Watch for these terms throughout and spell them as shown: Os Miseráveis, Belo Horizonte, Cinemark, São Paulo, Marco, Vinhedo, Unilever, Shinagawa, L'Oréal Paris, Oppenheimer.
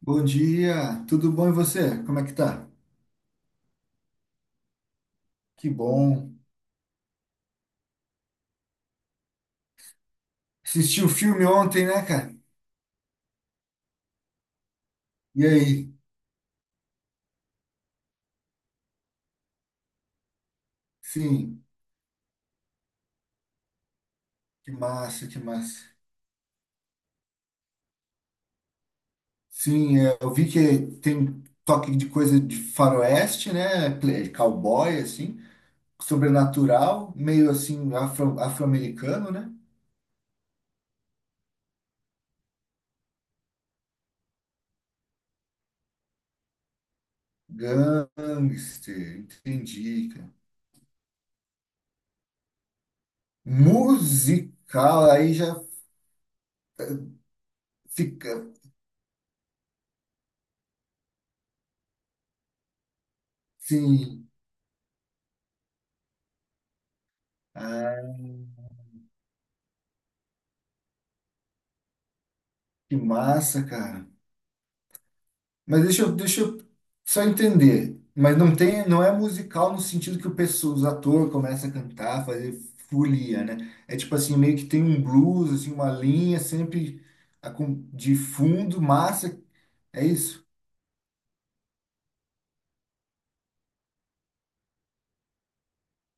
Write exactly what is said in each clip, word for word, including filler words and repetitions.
Bom dia, tudo bom e você? Como é que tá? Que bom. Assistiu o filme ontem, né, cara? E aí? Sim, que massa, que massa. Sim, é, eu vi que tem toque de coisa de faroeste, né? Ple- Cowboy, assim, sobrenatural, meio assim afro, afro-americano, né? Gangster, entendi, cara. Musical, aí já fica, sim. Ah, que massa, cara. Mas deixa eu, deixa eu só entender. Mas não tem, não é musical no sentido que o pessoal, os atores começam a cantar, fazer folia, né? É tipo assim, meio que tem um blues, assim, uma linha sempre acom- de fundo, massa. É isso?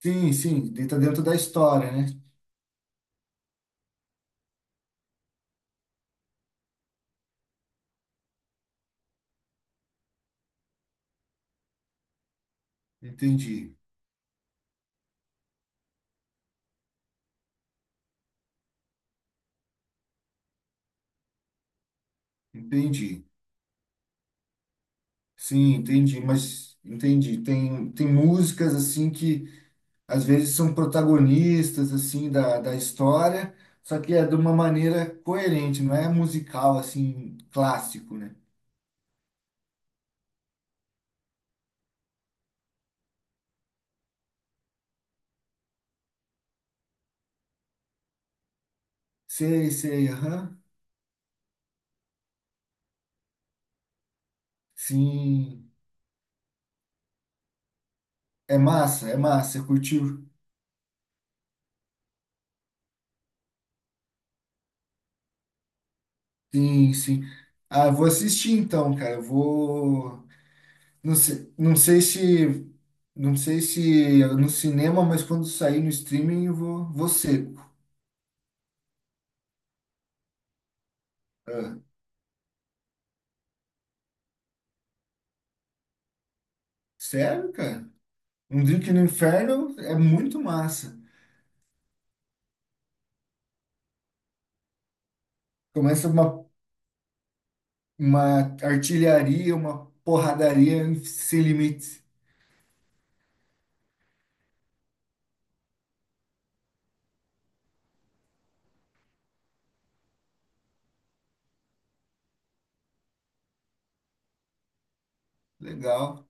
Sim, sim, deita dentro da história, né? Entendi, entendi. Sim, entendi, mas entendi. Tem, tem músicas assim que às vezes são protagonistas assim da, da história, só que é de uma maneira coerente, não é musical assim clássico, né? Sei, sei, aham. Sim, é massa, é massa, curtiu? Sim, sim. Ah, vou assistir então, cara. Eu vou não sei, não sei se não sei se é no cinema, mas quando sair no streaming eu vou vou seco. Ah, sério, cara? Um Drink no Inferno é muito massa. Começa uma Uma artilharia, uma porradaria sem limites. Legal.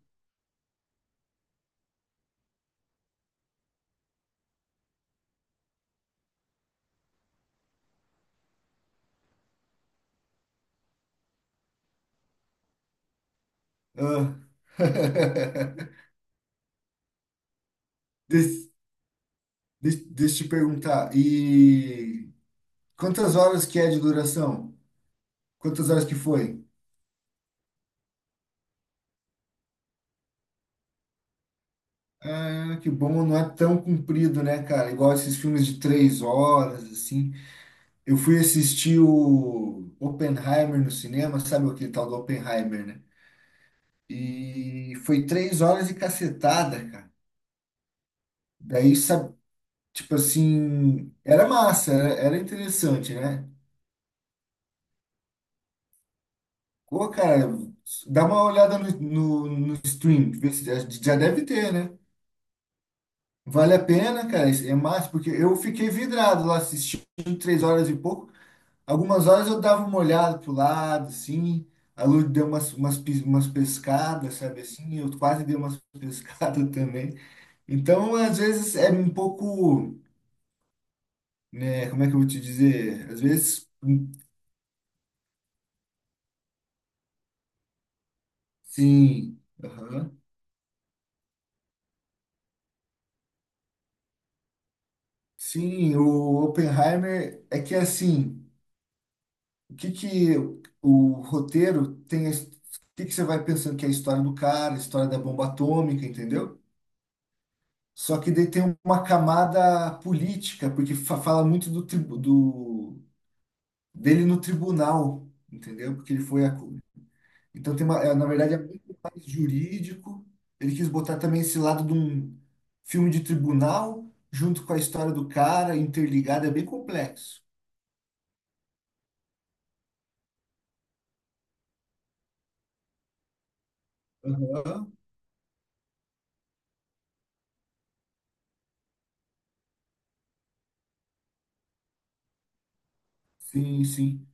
Ah. Des- de- Deixa eu te perguntar. E quantas horas que é de duração? Quantas horas que foi? Ah, que bom, não é tão comprido, né, cara? Igual esses filmes de três horas, assim. Eu fui assistir o Oppenheimer no cinema, sabe aquele tal do Oppenheimer, né? E foi três horas e cacetada, cara. Daí, sabe, tipo assim, era massa, era, era interessante, né? Pô, cara, dá uma olhada no, no, no stream, vê se já, já deve ter, né? Vale a pena, cara, é massa, porque eu fiquei vidrado lá assistindo três horas e pouco. Algumas horas eu dava uma olhada pro lado, assim, a luz deu umas, umas, pis- umas pescadas, sabe assim? Eu quase dei umas pescadas também. Então, às vezes é um pouco, né, como é que eu vou te dizer? Às vezes, hum, sim. Sim, o Oppenheimer é que assim, o que que o roteiro tem, a his- o que que você vai pensando que é a história do cara, a história da bomba atômica, entendeu? Só que daí tem uma camada política, porque fa- fala muito do, tribu- do dele no tribunal, entendeu? Porque ele foi acu- então tem uma, é, na verdade é muito mais jurídico. Ele quis botar também esse lado de um filme de tribunal junto com a história do cara interligada, é bem complexo. Sim, sim.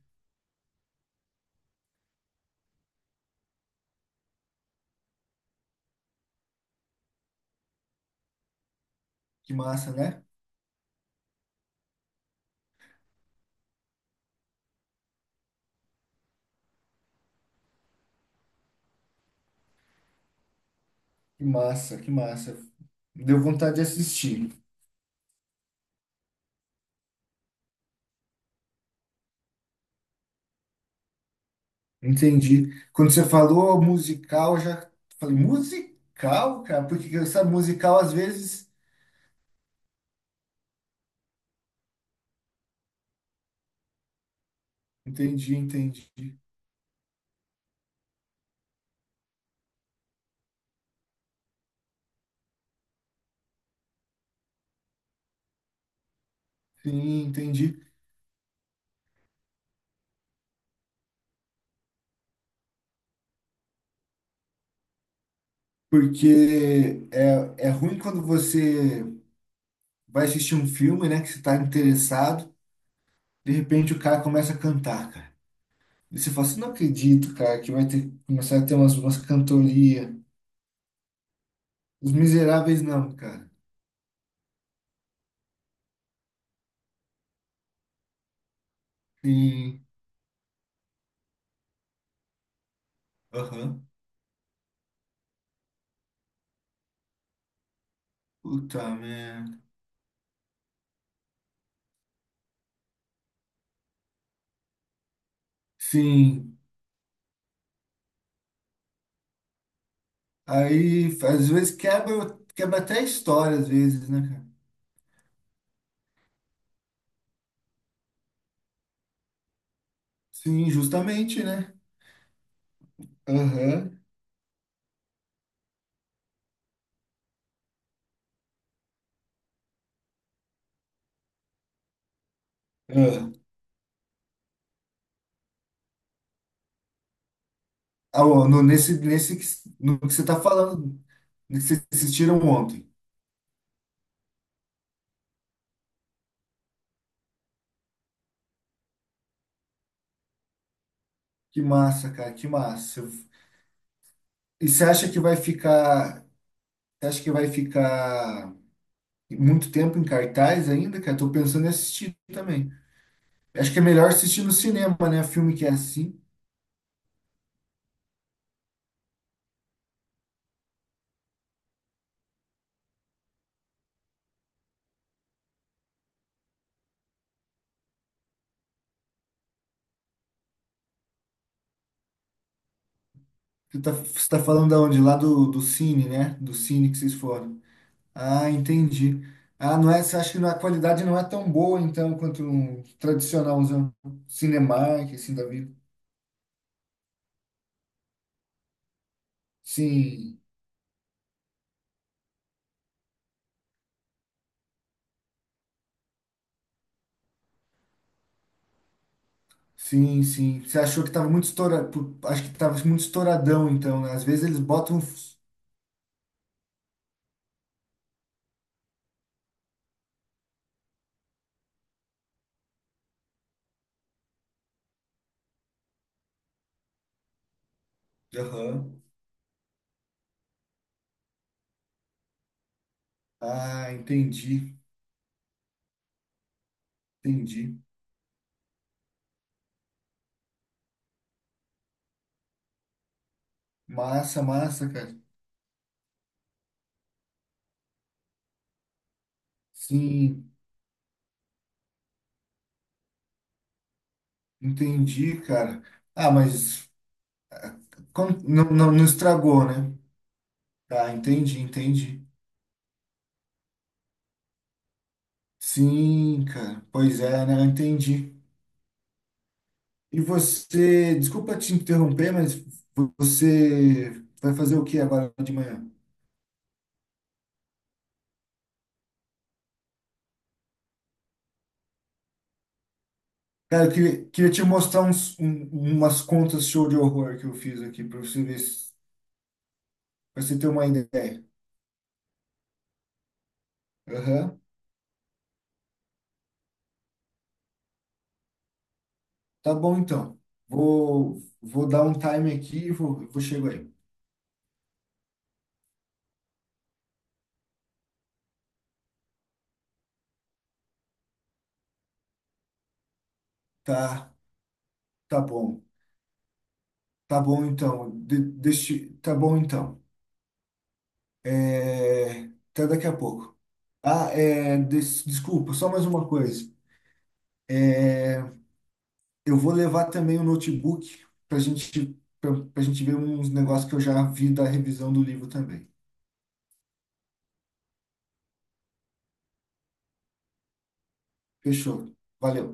Que massa, né? Que massa, que massa. Deu vontade de assistir. Entendi. Quando você falou musical, eu já falei, musical, cara? Porque essa musical às vezes. Entendi, entendi. Sim, entendi. Porque é, é ruim quando você vai assistir um filme, né? Que você tá interessado, de repente o cara começa a cantar, cara. E você fala assim, não acredito, cara, que vai ter, começar a ter umas, umas cantorias. Os Miseráveis não, cara. Sim. Aham. Puta merda. Sim. Aí, às vezes, quebra, quebra até a história, às vezes, né, cara? Sim, justamente, né? Aham. Ah. Ah, ó, no, nesse, nesse, que- no que você tá falando, no que vocês assistiram ontem. Que massa, cara, que massa. Eu- e você acha que vai ficar, você acha que vai ficar muito tempo em cartaz ainda, cara? Tô pensando em assistir também. Acho que é melhor assistir no cinema, né? Filme que é assim. Você tá, você tá falando da onde? Lá do, do Cine, né? Do Cine que vocês foram. Ah, entendi. Ah, não é, você acha que não- a qualidade não é tão boa, então, quanto um tradicional, um Cinemark, assim, da vida. Sim, sim, sim. Você achou que tava muito estourado, acho que tava muito estouradão, então, né? Às vezes eles botam... f- aham. Ah, entendi, entendi. Massa, massa, cara. Sim, entendi, cara. Ah, mas como- não, não, não estragou, né? Tá, entendi, entendi. Sim, cara. Pois é, né? Eu entendi. E você, desculpa te interromper, mas você vai fazer o que agora de manhã? Cara, eu queria, queria te mostrar uns, um- umas contas show de horror que eu fiz aqui para você ver, se- pra você ter uma ideia. Aham. Tá bom, então. Vou, vou dar um time aqui e vou, vou chegar aí. Tá, tá bom. Tá bom, então. De, deixa, tá bom, então. É, até daqui a pouco. Ah, é, des- desculpa, só mais uma coisa. É, eu vou levar também o notebook para gente, para a gente ver uns negócios que eu já vi da revisão do livro também. Fechou. Valeu.